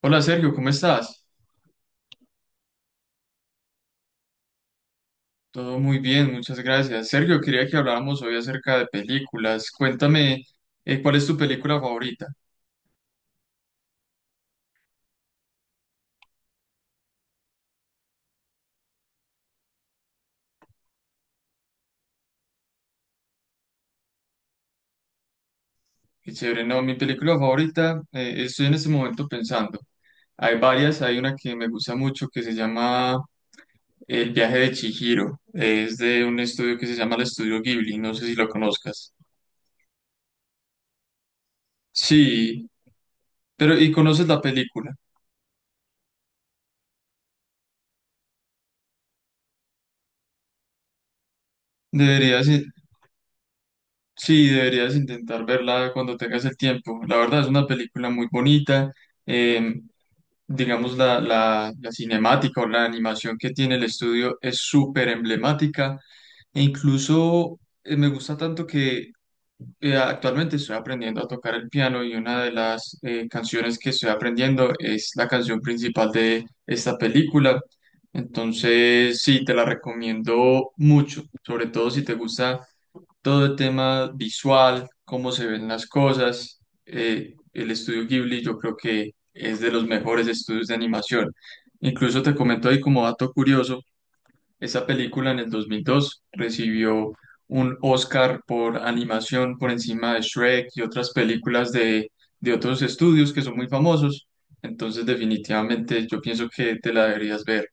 Hola Sergio, ¿cómo estás? Todo muy bien, muchas gracias. Sergio, quería que habláramos hoy acerca de películas. Cuéntame, ¿cuál es tu película favorita? Qué chévere, no, mi película favorita, estoy en este momento pensando. Hay varias, hay una que me gusta mucho que se llama El viaje de Chihiro. Es de un estudio que se llama el Estudio Ghibli, no sé si lo conozcas. Sí, pero ¿y conoces la película? Deberías. Sí, deberías intentar verla cuando tengas el tiempo. La verdad es una película muy bonita. eh, digamos, la cinemática o la animación que tiene el estudio es súper emblemática e incluso me gusta tanto que actualmente estoy aprendiendo a tocar el piano y una de las canciones que estoy aprendiendo es la canción principal de esta película. Entonces, sí, te la recomiendo mucho, sobre todo si te gusta todo el tema visual, cómo se ven las cosas. El estudio Ghibli yo creo que es de los mejores estudios de animación. Incluso te comento ahí como dato curioso, esa película en el 2002 recibió un Oscar por animación por encima de Shrek y otras películas de otros estudios que son muy famosos. Entonces definitivamente yo pienso que te la deberías ver.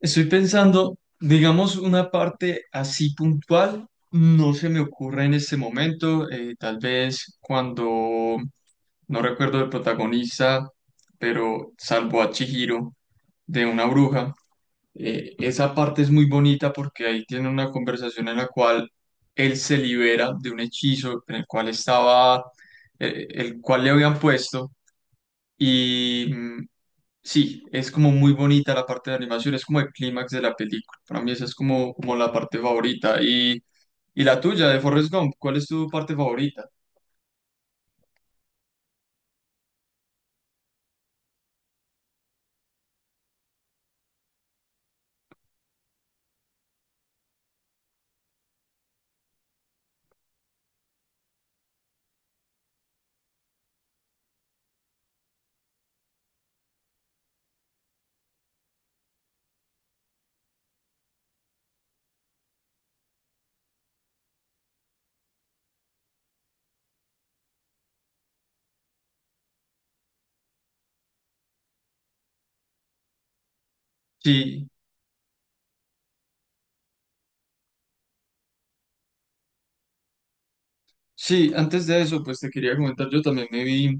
Estoy pensando, digamos, una parte así puntual, no se me ocurre en este momento, tal vez no recuerdo el protagonista, pero salvo a Chihiro de una bruja. Esa parte es muy bonita porque ahí tiene una conversación en la cual él se libera de un hechizo en el cual estaba, el cual le habían puesto. y mm, sí, es como muy bonita la parte de animación, es como el clímax de la película. Para mí esa es como, como la parte favorita. Y la tuya, de Forrest Gump, ¿cuál es tu parte favorita? Sí, sí, antes de eso, pues te quería comentar, yo también me vi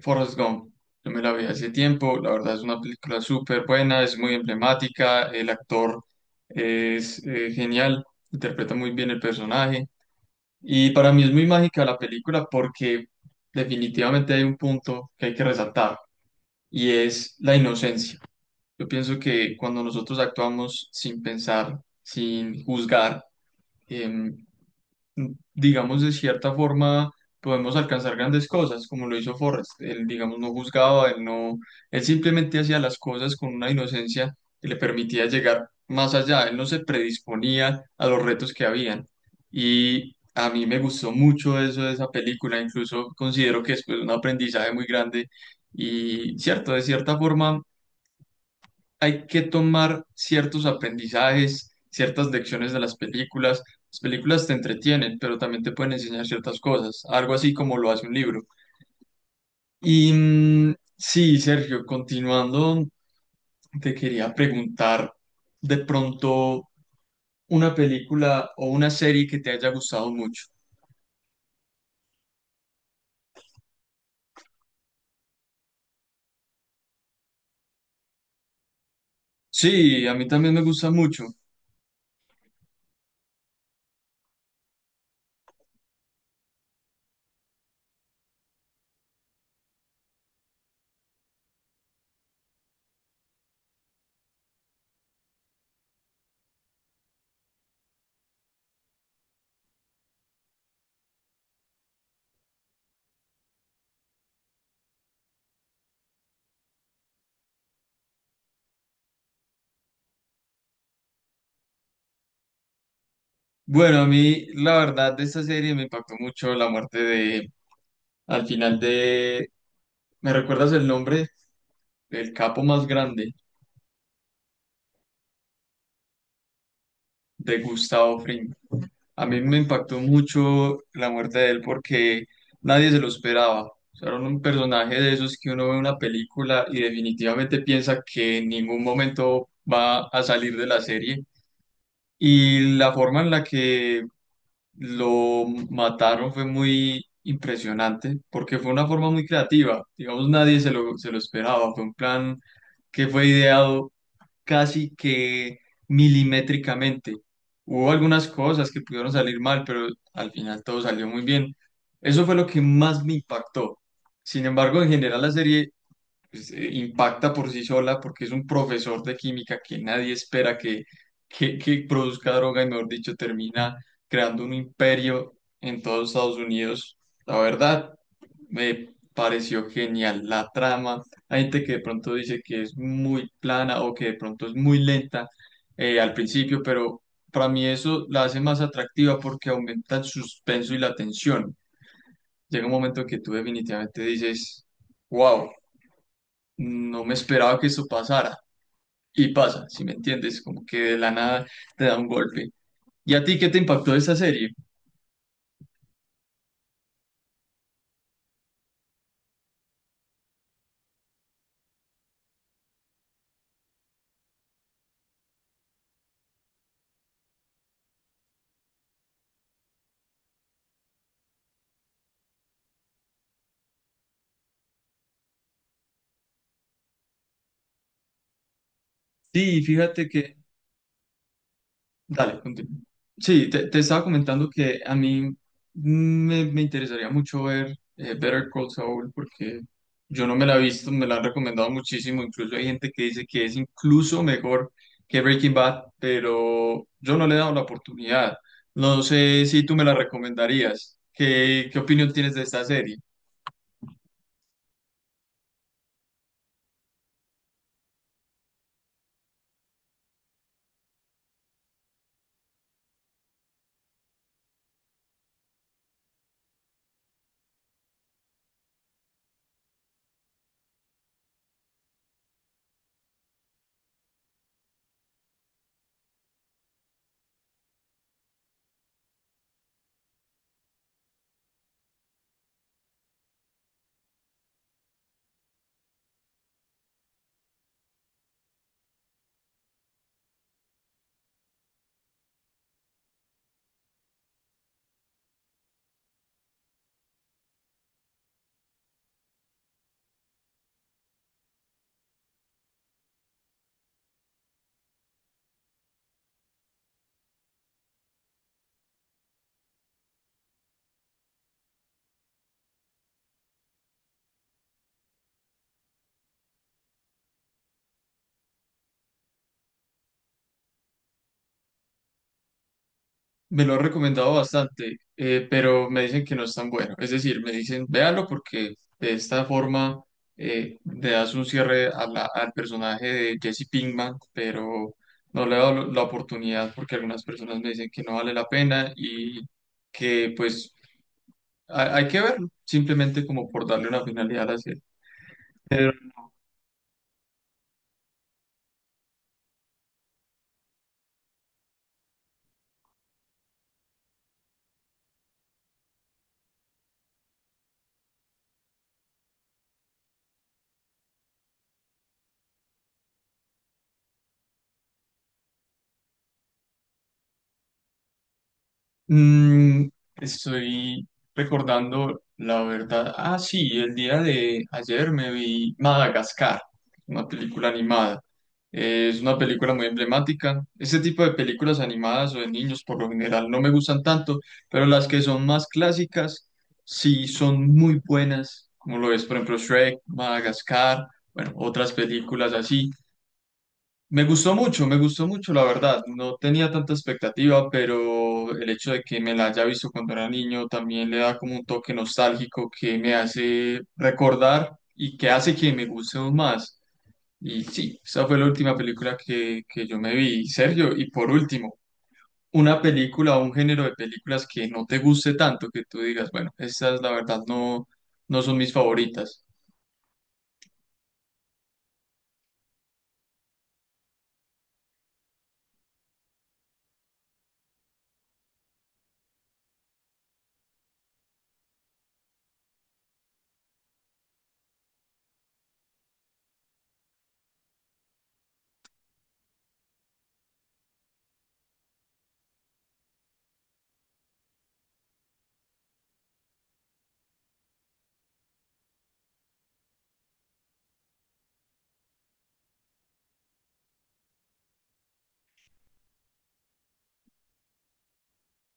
Forrest Gump. Yo me la vi hace tiempo, la verdad es una película súper buena, es muy emblemática, el actor es genial, interpreta muy bien el personaje. Y para mí es muy mágica la película porque definitivamente hay un punto que hay que resaltar y es la inocencia. Yo pienso que cuando nosotros actuamos sin pensar, sin juzgar, em, digamos, de cierta forma podemos alcanzar grandes cosas, como lo hizo Forrest. Él, digamos, no juzgaba, él no, él simplemente hacía las cosas con una inocencia que le permitía llegar más allá. Él no se predisponía a los retos que habían. Y a mí me gustó mucho eso de esa película, incluso considero que es, pues, un aprendizaje muy grande. Y cierto, de cierta forma hay que tomar ciertos aprendizajes, ciertas lecciones de las películas. Las películas te entretienen, pero también te pueden enseñar ciertas cosas, algo así como lo hace un libro. Sí, Sergio, continuando, te quería preguntar de pronto una película o una serie que te haya gustado mucho. Sí, a mí también me gusta mucho. Bueno, a mí la verdad de esta serie me impactó mucho la muerte al final de, ¿me recuerdas el nombre del capo más grande de Gustavo Fring? A mí me impactó mucho la muerte de él porque nadie se lo esperaba. O sea, era un personaje de esos que uno ve en una película y definitivamente piensa que en ningún momento va a salir de la serie. Y la forma en la que lo mataron fue muy impresionante porque fue una forma muy creativa. Digamos, nadie se lo esperaba. Fue un plan que fue ideado casi que milimétricamente. Hubo algunas cosas que pudieron salir mal, pero al final todo salió muy bien. Eso fue lo que más me impactó. Sin embargo, en general la serie pues, impacta por sí sola porque es un profesor de química que nadie espera que produzca droga y mejor dicho termina creando un imperio en todos Estados Unidos. La verdad, me pareció genial la trama. Hay gente que de pronto dice que es muy plana o que de pronto es muy lenta al principio, pero para mí eso la hace más atractiva porque aumenta el suspenso y la tensión. Llega un momento que tú definitivamente dices, wow, no me esperaba que esto pasara. Y pasa, si me entiendes, como que de la nada te da un golpe. ¿Y a ti qué te impactó de esta serie? Sí, fíjate que... Dale, continúa. Sí, te estaba comentando que a mí me interesaría mucho ver Better Call Saul porque yo no me la he visto, me la han recomendado muchísimo, incluso hay gente que dice que es incluso mejor que Breaking Bad, pero yo no le he dado la oportunidad. No sé si tú me la recomendarías. ¿Qué opinión tienes de esta serie? Me lo han recomendado bastante, pero me dicen que no es tan bueno. Es decir, me dicen, véalo porque de esta forma le das un cierre a al personaje de Jesse Pinkman, pero no le he dado la oportunidad porque algunas personas me dicen que no vale la pena y que pues hay que verlo, simplemente como por darle una finalidad a la serie. Mm, Estoy recordando la verdad. Ah, sí, el día de ayer me vi Madagascar, una película animada. Es una película muy emblemática. Ese tipo de películas animadas o de niños por lo general no me gustan tanto, pero las que son más clásicas sí son muy buenas, como lo es, por ejemplo, Shrek, Madagascar, bueno, otras películas así. Me gustó mucho, la verdad. No tenía tanta expectativa, pero el hecho de que me la haya visto cuando era niño también le da como un toque nostálgico que me hace recordar y que hace que me guste aún más. Y sí, esa fue la última película que yo me vi, Sergio. Y por último, una película o un género de películas que no te guste tanto, que tú digas, bueno, estas la verdad no, no son mis favoritas.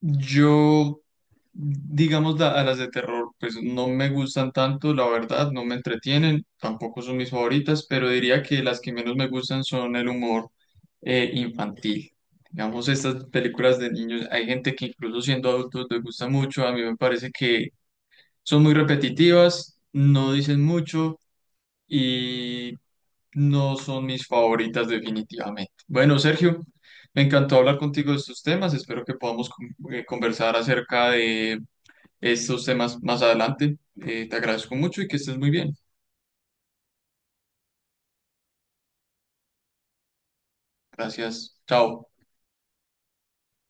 Yo, digamos, a las de terror, pues no me gustan tanto, la verdad, no me entretienen, tampoco son mis favoritas, pero diría que las que menos me gustan son el humor infantil. Digamos, estas películas de niños, hay gente que incluso siendo adultos les gusta mucho, a mí me parece que son muy repetitivas, no dicen mucho y no son mis favoritas definitivamente. Bueno, Sergio, me encantó hablar contigo de estos temas. Espero que podamos conversar acerca de estos temas más adelante. Te agradezco mucho y que estés muy bien. Gracias. Chao.